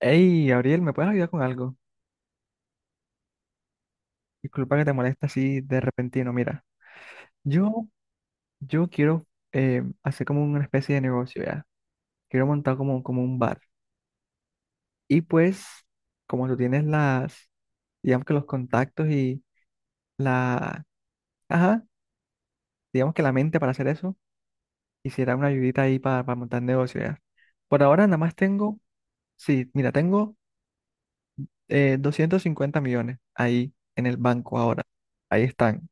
Hey, Gabriel, ¿me puedes ayudar con algo? Disculpa que te moleste así de repentino. Mira, yo, yo quiero hacer como una especie de negocio, ¿ya? Quiero montar como un bar. Y pues, como tú tienes las, digamos que los contactos y la, ajá, digamos que la mente para hacer eso, quisiera una ayudita ahí para montar negocio, ¿ya? Por ahora nada más tengo, sí, mira, tengo 250 millones ahí en el banco ahora. Ahí están.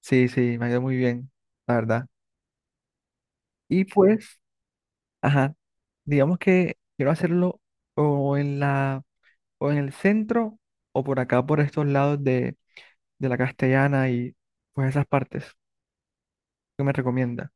Sí, sí, me ha ido muy bien, la verdad. Y pues, ajá, digamos que quiero hacerlo o en la, o en el centro o por acá, por estos lados de la Castellana y pues esas partes. ¿Qué me recomienda?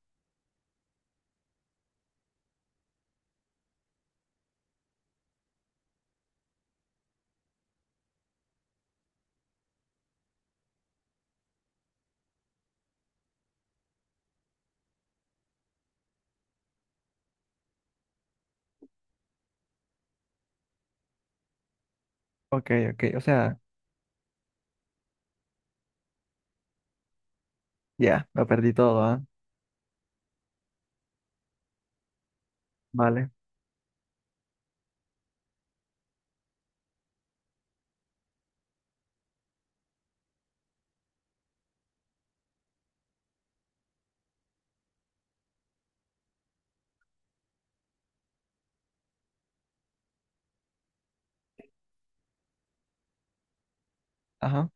Ok, ok, o sea, ya, lo perdí todo, ¿ah? Vale, ajá,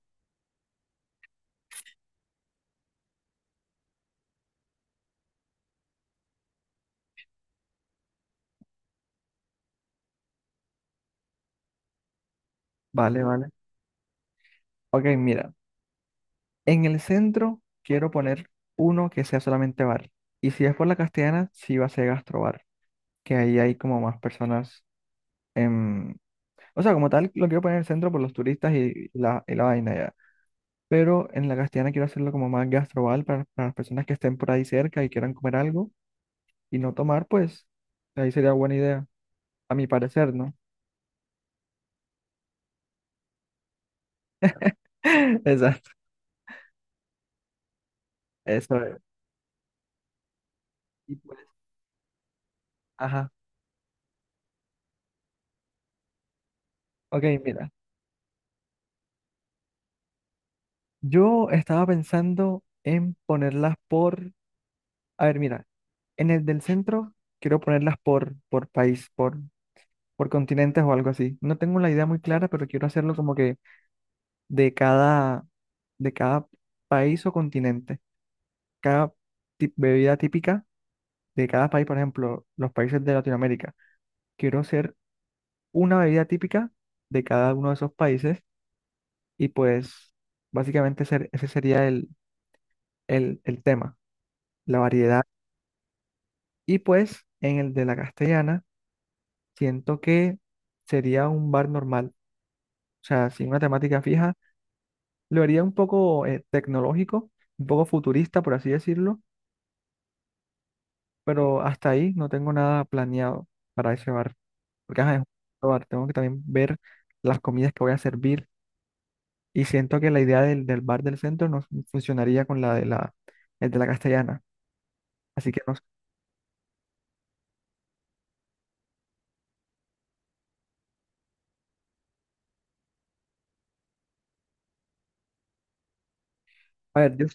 vale. Ok, mira, en el centro quiero poner uno que sea solamente bar. Y si es por la Castellana, sí va a ser gastrobar, que ahí hay como más personas en... O sea, como tal, lo quiero poner en el centro por los turistas y la vaina ya. Pero en la Castellana quiero hacerlo como más gastroval para las personas que estén por ahí cerca y quieran comer algo y no tomar, pues ahí sería buena idea, a mi parecer, ¿no? Exacto, eso es. Y pues, ajá, ok, mira, yo estaba pensando en ponerlas por, a ver, mira, en el del centro quiero ponerlas por país, por continentes o algo así. No tengo la idea muy clara, pero quiero hacerlo como que de cada, de cada país o continente, cada bebida típica de cada país, por ejemplo, los países de Latinoamérica. Quiero hacer una bebida típica de cada uno de esos países y pues básicamente ese sería el tema, la variedad. Y pues en el de la Castellana, siento que sería un bar normal, o sea, sin una temática fija. Lo haría un poco tecnológico, un poco futurista, por así decirlo, pero hasta ahí no tengo nada planeado para ese bar, porque ajá, es un bar, tengo que también ver las comidas que voy a servir. Y siento que la idea del bar del centro no funcionaría con la de la, el de la Castellana. Así que no sé. A ver, yo.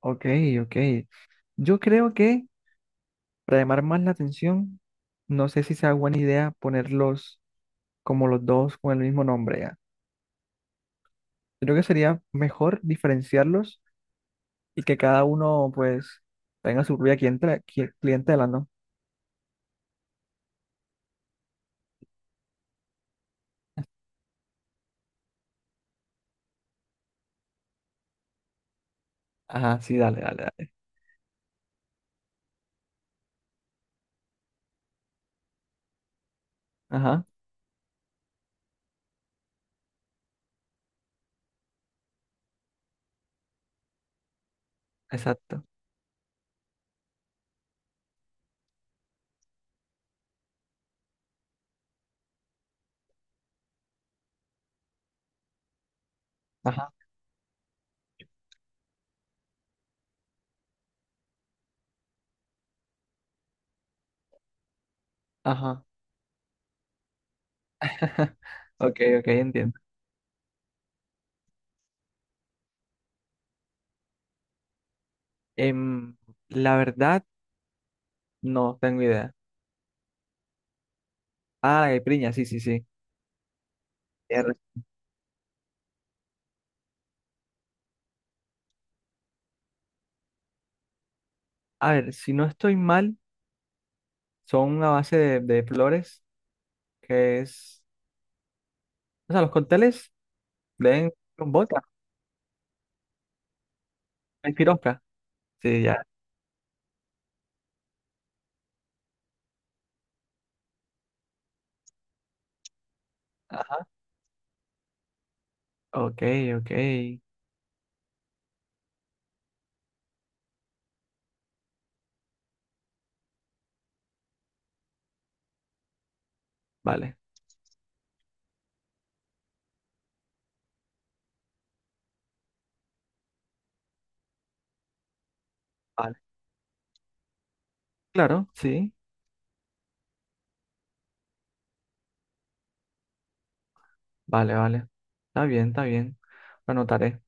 Ok, ok. Yo creo que para llamar más la atención, no sé si sea buena idea ponerlos como los dos con el mismo nombre ya. Creo que sería mejor diferenciarlos y que cada uno pues tenga su propia clientela, clientela, ¿no? Ajá, sí, dale, dale, dale. Ajá, exacto. Ajá, ajá. Ok, ok, entiendo. Em, la verdad, no tengo idea. Ah, la caipiriña, sí, sí, sí. R. A ver, si no estoy mal, son a base de flores que es... O sea, los cócteles ven con vodka, hay pirosca. Sí, ya. Ajá. Ok, ok. Vale, vale. Claro, sí. Vale, vale. Está bien, está bien. Lo anotaré.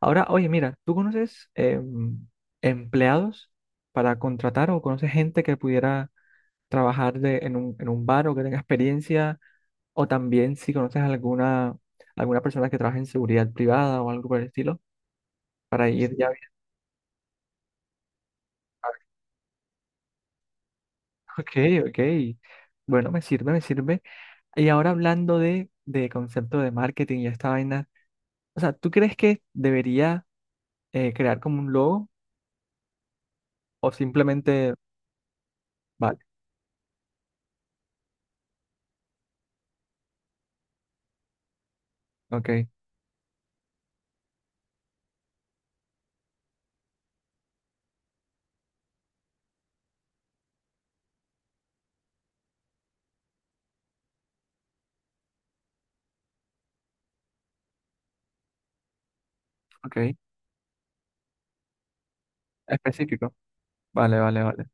Ahora, oye, mira, ¿tú conoces empleados para contratar o conoces gente que pudiera trabajar de, en un bar o que tenga experiencia? O también si conoces alguna, alguna persona que trabaje en seguridad privada o algo por el estilo, para ir ya. Bien. Ok, ok. Bueno, me sirve, me sirve. Y ahora hablando de concepto de marketing y esta vaina, o sea, ¿tú crees que debería crear como un logo o simplemente, vale, ok, ok, específico, vale, vale, vale.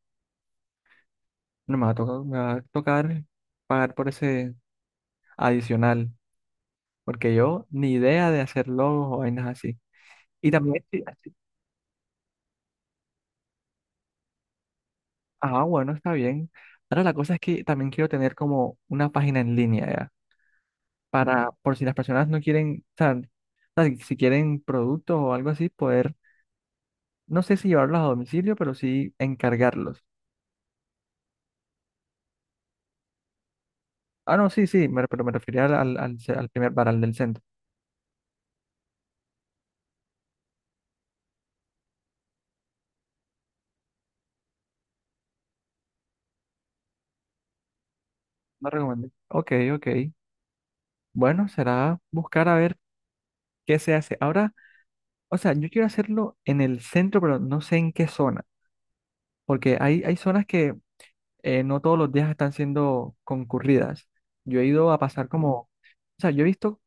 No me va a tocar, Me va a tocar pagar por ese adicional, porque yo ni idea de hacer logos o vainas así. Y también, sí, ah, bueno, está bien. Ahora la cosa es que también quiero tener como una página en línea ya, para por si las personas no quieren, o sea, si quieren productos o algo así, poder, no sé si llevarlos a domicilio, pero sí encargarlos. Ah, no, sí, sí, pero me refería al al primer bar, del centro. No recomendé. Ok, ok. Bueno, será buscar a ver qué se hace. Ahora, o sea, yo quiero hacerlo en el centro, pero no sé en qué zona, porque hay zonas que no todos los días están siendo concurridas. Yo he ido a pasar como, o sea, yo he visto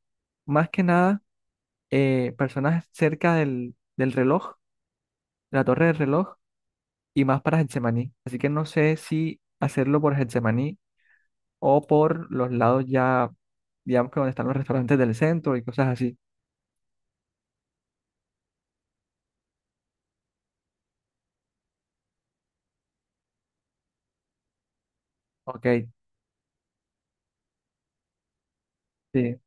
más que nada personas cerca del reloj, de la torre del reloj, y más para Getsemaní. Así que no sé si hacerlo por Getsemaní o por los lados ya, digamos que donde están los restaurantes del centro y cosas así. Ok, sí.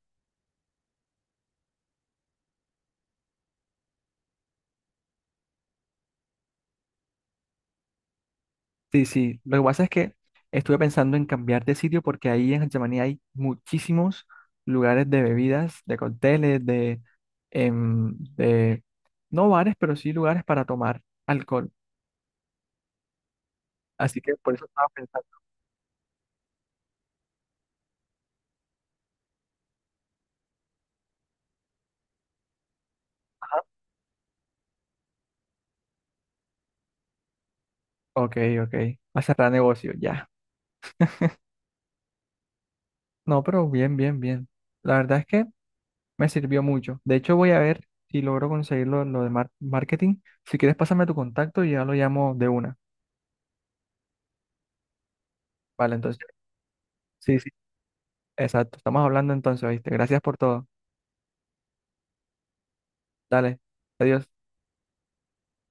Sí, sí. Lo que pasa es que estuve pensando en cambiar de sitio porque ahí en Getsemaní hay muchísimos lugares de bebidas, de cócteles, de, em, de, no bares, pero sí lugares para tomar alcohol. Así que por eso estaba pensando, ok, ok, va a cerrar negocio, ya. No, pero bien, bien, bien. La verdad es que me sirvió mucho. De hecho, voy a ver si logro conseguirlo lo de marketing. Si quieres, pásame tu contacto y ya lo llamo de una. Vale, entonces, sí, sí, exacto. Estamos hablando entonces, ¿viste? Gracias por todo. Dale, adiós.